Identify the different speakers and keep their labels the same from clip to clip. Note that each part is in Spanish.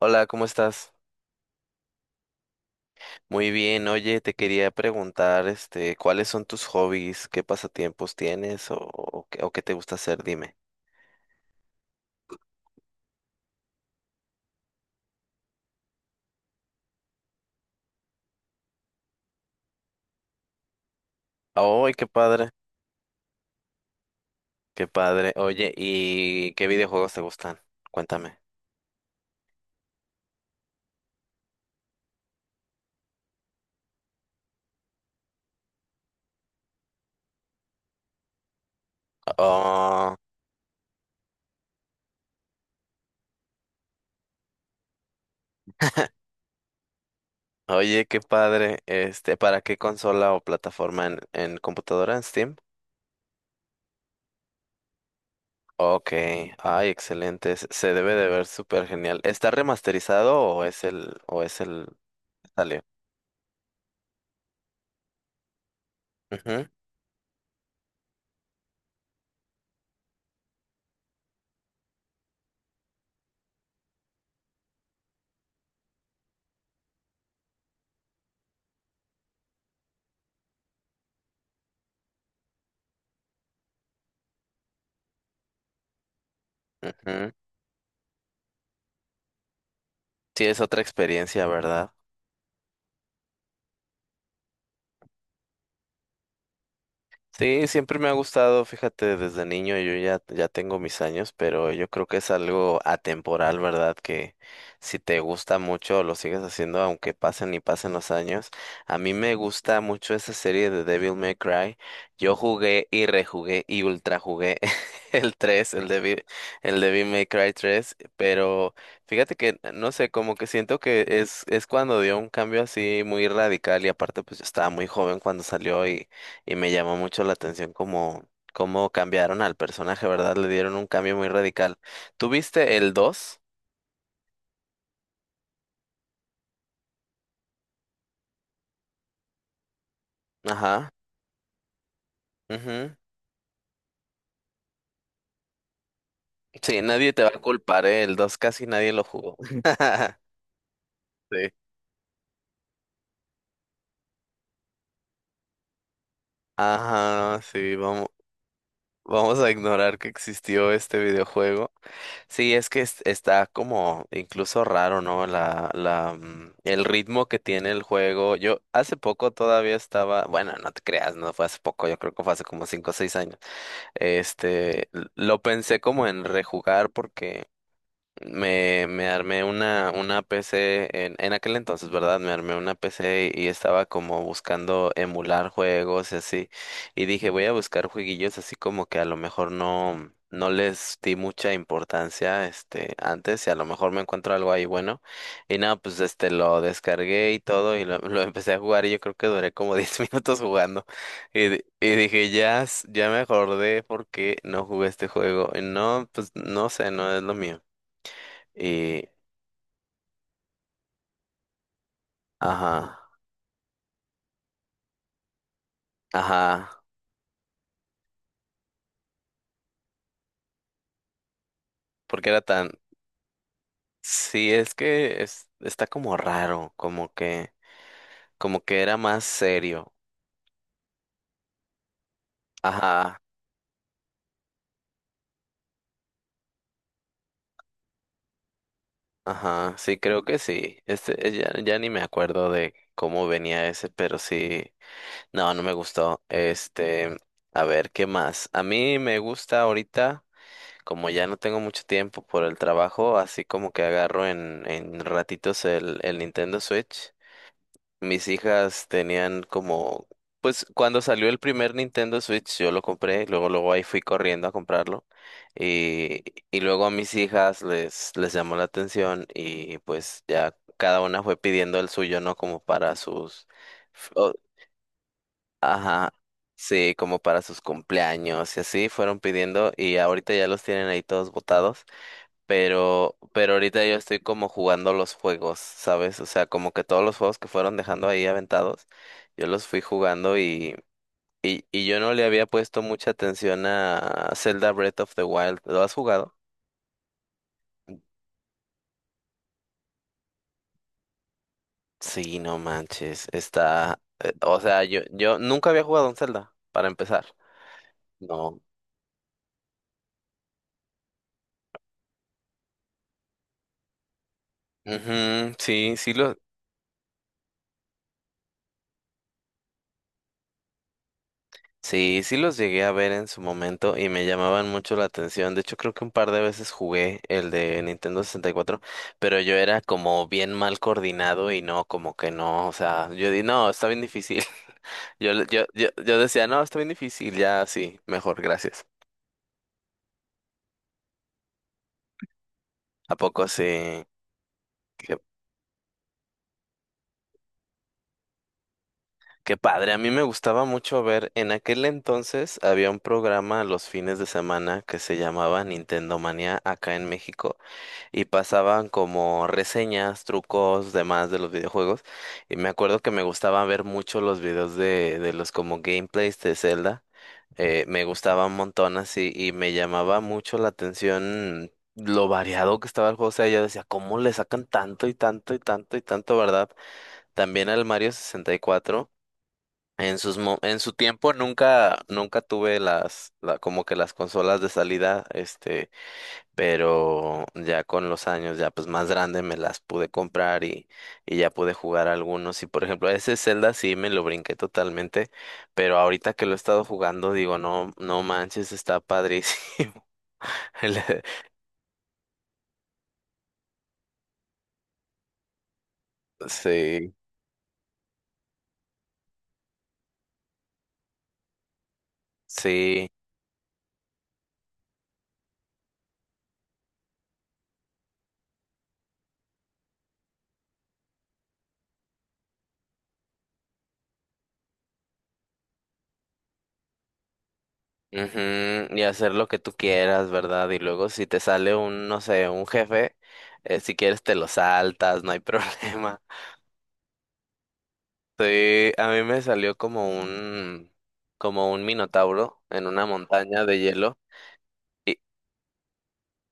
Speaker 1: Hola, ¿cómo estás? Muy bien, oye, te quería preguntar, ¿cuáles son tus hobbies? ¿Qué pasatiempos tienes o qué te gusta hacer? Dime. ¡Ay, qué padre! ¡Qué padre! Oye, ¿y qué videojuegos te gustan? Cuéntame. Oh, oye, qué padre. ¿Para qué consola o plataforma en, computadora en Steam? Ok, ay, excelente. Se debe de ver súper genial. ¿Está remasterizado o es el, salió? Ujú, ujú. Sí, es otra experiencia, ¿verdad? Sí, siempre me ha gustado, fíjate, desde niño yo ya tengo mis años, pero yo creo que es algo atemporal, ¿verdad? Que si te gusta mucho lo sigues haciendo aunque pasen y pasen los años. A mí me gusta mucho esa serie de Devil May Cry. Yo jugué y rejugué y ultra jugué el 3, el Devil May Cry 3. Pero fíjate que, no sé, como que siento que es cuando dio un cambio así muy radical y aparte pues yo estaba muy joven cuando salió y me llamó mucho la atención cómo cambiaron al personaje, ¿verdad? Le dieron un cambio muy radical. ¿Tuviste el dos? Ajá. Ujú. Sí, nadie te va a culpar, ¿eh? El 2 casi nadie lo jugó. Sí. Ajá, sí, vamos, vamos a ignorar que existió este videojuego. Sí, es que está como incluso raro, ¿no? El ritmo que tiene el juego. Yo hace poco todavía estaba, bueno, no te creas, no fue hace poco, yo creo que fue hace como 5 o 6 años. Este, lo pensé como en rejugar porque me armé una PC en, aquel entonces, ¿verdad? Me armé una PC y estaba como buscando emular juegos y así. Y dije, voy a buscar jueguillos así como que a lo mejor no les di mucha importancia, antes y a lo mejor me encuentro algo ahí bueno. Y nada, pues lo descargué y todo y lo, lo empecé a jugar y yo creo que duré como 10 minutos jugando. Y, y dije, ya, ya me acordé porque no jugué este juego. Y no, pues no sé, no es lo mío. Y, ajá, ajá, porque era tan, sí, es que está como raro, como que era más serio. Ajá, ajá, sí, creo que sí. Ya ni me acuerdo de cómo venía ese, pero sí, no, no me gustó. A ver, ¿qué más? A mí me gusta ahorita, como ya no tengo mucho tiempo por el trabajo, así como que agarro en, ratitos el, Nintendo Switch. Mis hijas tenían como, pues cuando salió el primer Nintendo Switch yo lo compré, luego luego ahí fui corriendo a comprarlo y, y luego a mis hijas les llamó la atención y pues ya cada una fue pidiendo el suyo, ¿no? Como para sus, f- o- ajá, sí, como para sus cumpleaños y así fueron pidiendo y ahorita ya los tienen ahí todos botados pero ahorita yo estoy como jugando los juegos, ¿sabes? O sea, como que todos los juegos que fueron dejando ahí aventados, yo los fui jugando y yo no le había puesto mucha atención a Zelda Breath of the Wild. ¿Lo has jugado? Sí, no manches, está, o sea, yo nunca había jugado un Zelda, para empezar. No. Ujú, sí, sí lo. Sí, sí los llegué a ver en su momento y me llamaban mucho la atención. De hecho, creo que un par de veces jugué el de Nintendo 64, pero yo era como bien mal coordinado y no, como que no, o sea, yo di, no, está bien difícil. Yo, le- yo decía, no, está bien difícil, ya sí, mejor, gracias. ¿A poco sí? Qué, qué padre. A mí me gustaba mucho ver, en aquel entonces había un programa los fines de semana que se llamaba Nintendo Manía acá en México y pasaban como reseñas, trucos, demás de los videojuegos. Y me acuerdo que me gustaba ver mucho los videos de los como gameplays de Zelda. Me gustaba un montón así y me llamaba mucho la atención lo variado que estaba el juego. O sea, yo decía, ¿cómo le sacan tanto y tanto y tanto y tanto, verdad? También al Mario 64. En su tiempo nunca tuve las la, como que las consolas de salida, pero ya con los años, ya pues más grande, me las pude comprar y ya pude jugar algunos. Y por ejemplo, ese Zelda sí me lo brinqué totalmente, pero ahorita que lo he estado jugando, digo, no, no manches, está padrísimo. El- Sí, sí. Ujú. Y hacer lo que tú quieras, ¿verdad? Y luego si te sale un, no sé, un jefe, si quieres te lo saltas, no hay problema. Sí, a mí me salió como como un minotauro en una montaña de hielo. Y,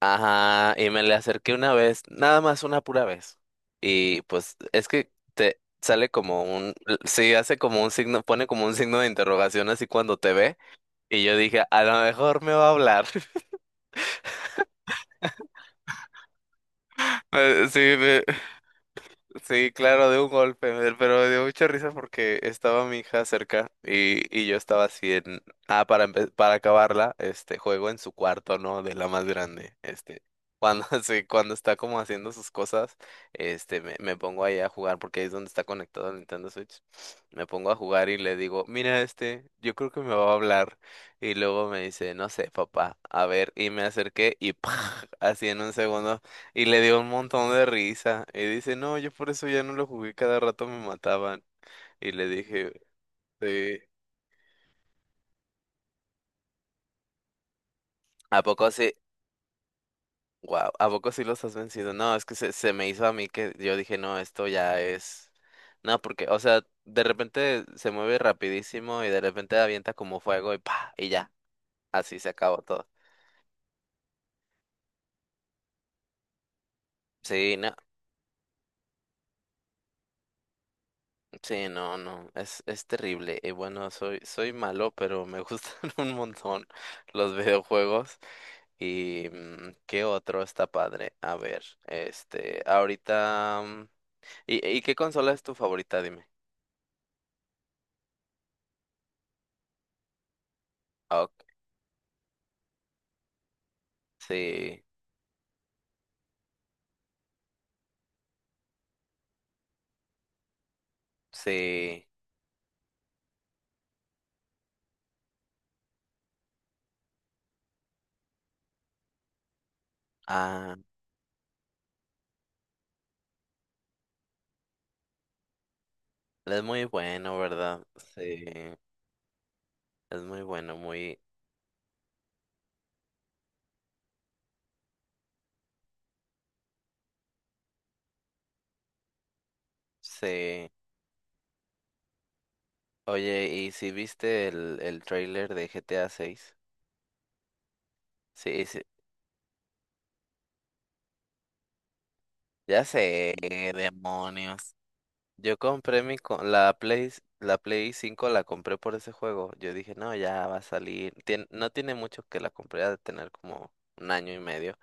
Speaker 1: ajá, y me le acerqué una vez, nada más una pura vez. Y pues es que te sale como un, sí, hace como un signo, pone como un signo de interrogación así cuando te ve. Y yo dije, a lo mejor me va a hablar. Sí, sí, claro, de un golpe, pero me dio mucha risa porque estaba mi hija cerca y yo estaba así en... Ah, para, para acabarla, este juego en su cuarto, ¿no? De la más grande. Cuando, sí, cuando está como haciendo sus cosas, me pongo ahí a jugar porque ahí es donde está conectado el Nintendo Switch. Me pongo a jugar y le digo, mira este, yo creo que me va a hablar. Y luego me dice, no sé, papá, a ver, y me acerqué y ¡pah! Así en un segundo y le dio un montón de risa. Y dice, no, yo por eso ya no lo jugué, cada rato me mataban. Y le dije, sí. ¿A poco sí? Wow, ¿a poco sí los has vencido? No, es que se me hizo a mí que yo dije, no, esto ya es... No, porque, o sea, de repente se mueve rapidísimo y de repente avienta como fuego y pa, y ya, así se acabó todo. Sí, no. Sí, no, no, es terrible. Y bueno, soy malo, pero me gustan un montón los videojuegos. ¿Y qué otro está padre? A ver, ahorita... ¿Y, qué consola es tu favorita? Dime. Ah, ok. Sí, sí. Ah, es muy bueno, ¿verdad? Sí, es muy bueno, muy... Sí. Oye, ¿y si viste el, tráiler de GTA 6? Sí, sí. Ya sé, demonios. Yo compré mi co- la Play, la Play 5 la compré por ese juego. Yo dije, no, ya va a salir. No tiene mucho que la compré, ha de tener como un año y medio.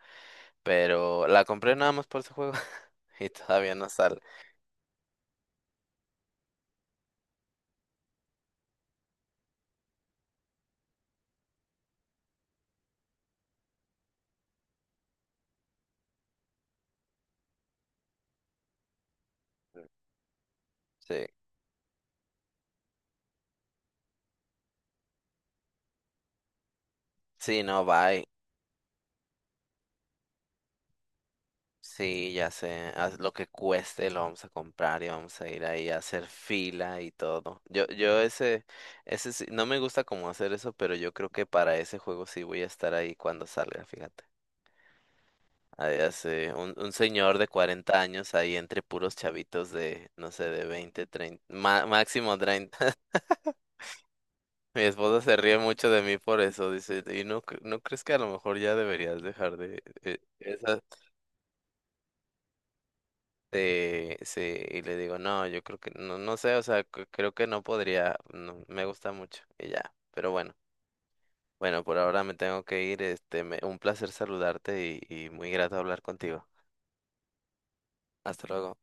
Speaker 1: Pero la compré nada más por ese juego. Y todavía no sale. Sí. Sí, no, bye. Sí, ya sé. Haz lo que cueste, lo vamos a comprar y vamos a ir ahí a hacer fila y todo. Yo ese, no me gusta como hacer eso, pero yo creo que para ese juego sí voy a estar ahí cuando salga, fíjate. Ah, ya sé, un señor de 40 años ahí entre puros chavitos de, no sé, de 20 30 máximo 30. Mi esposa se ríe mucho de mí por eso, dice, ¿y no, no crees que a lo mejor ya deberías dejar de esas? Sí, y le digo, no, yo creo que, no, no sé, o sea, creo que no podría, no, me gusta mucho, y ya, pero bueno, bueno, por ahora me tengo que ir, un placer saludarte y muy grato hablar contigo. Hasta luego.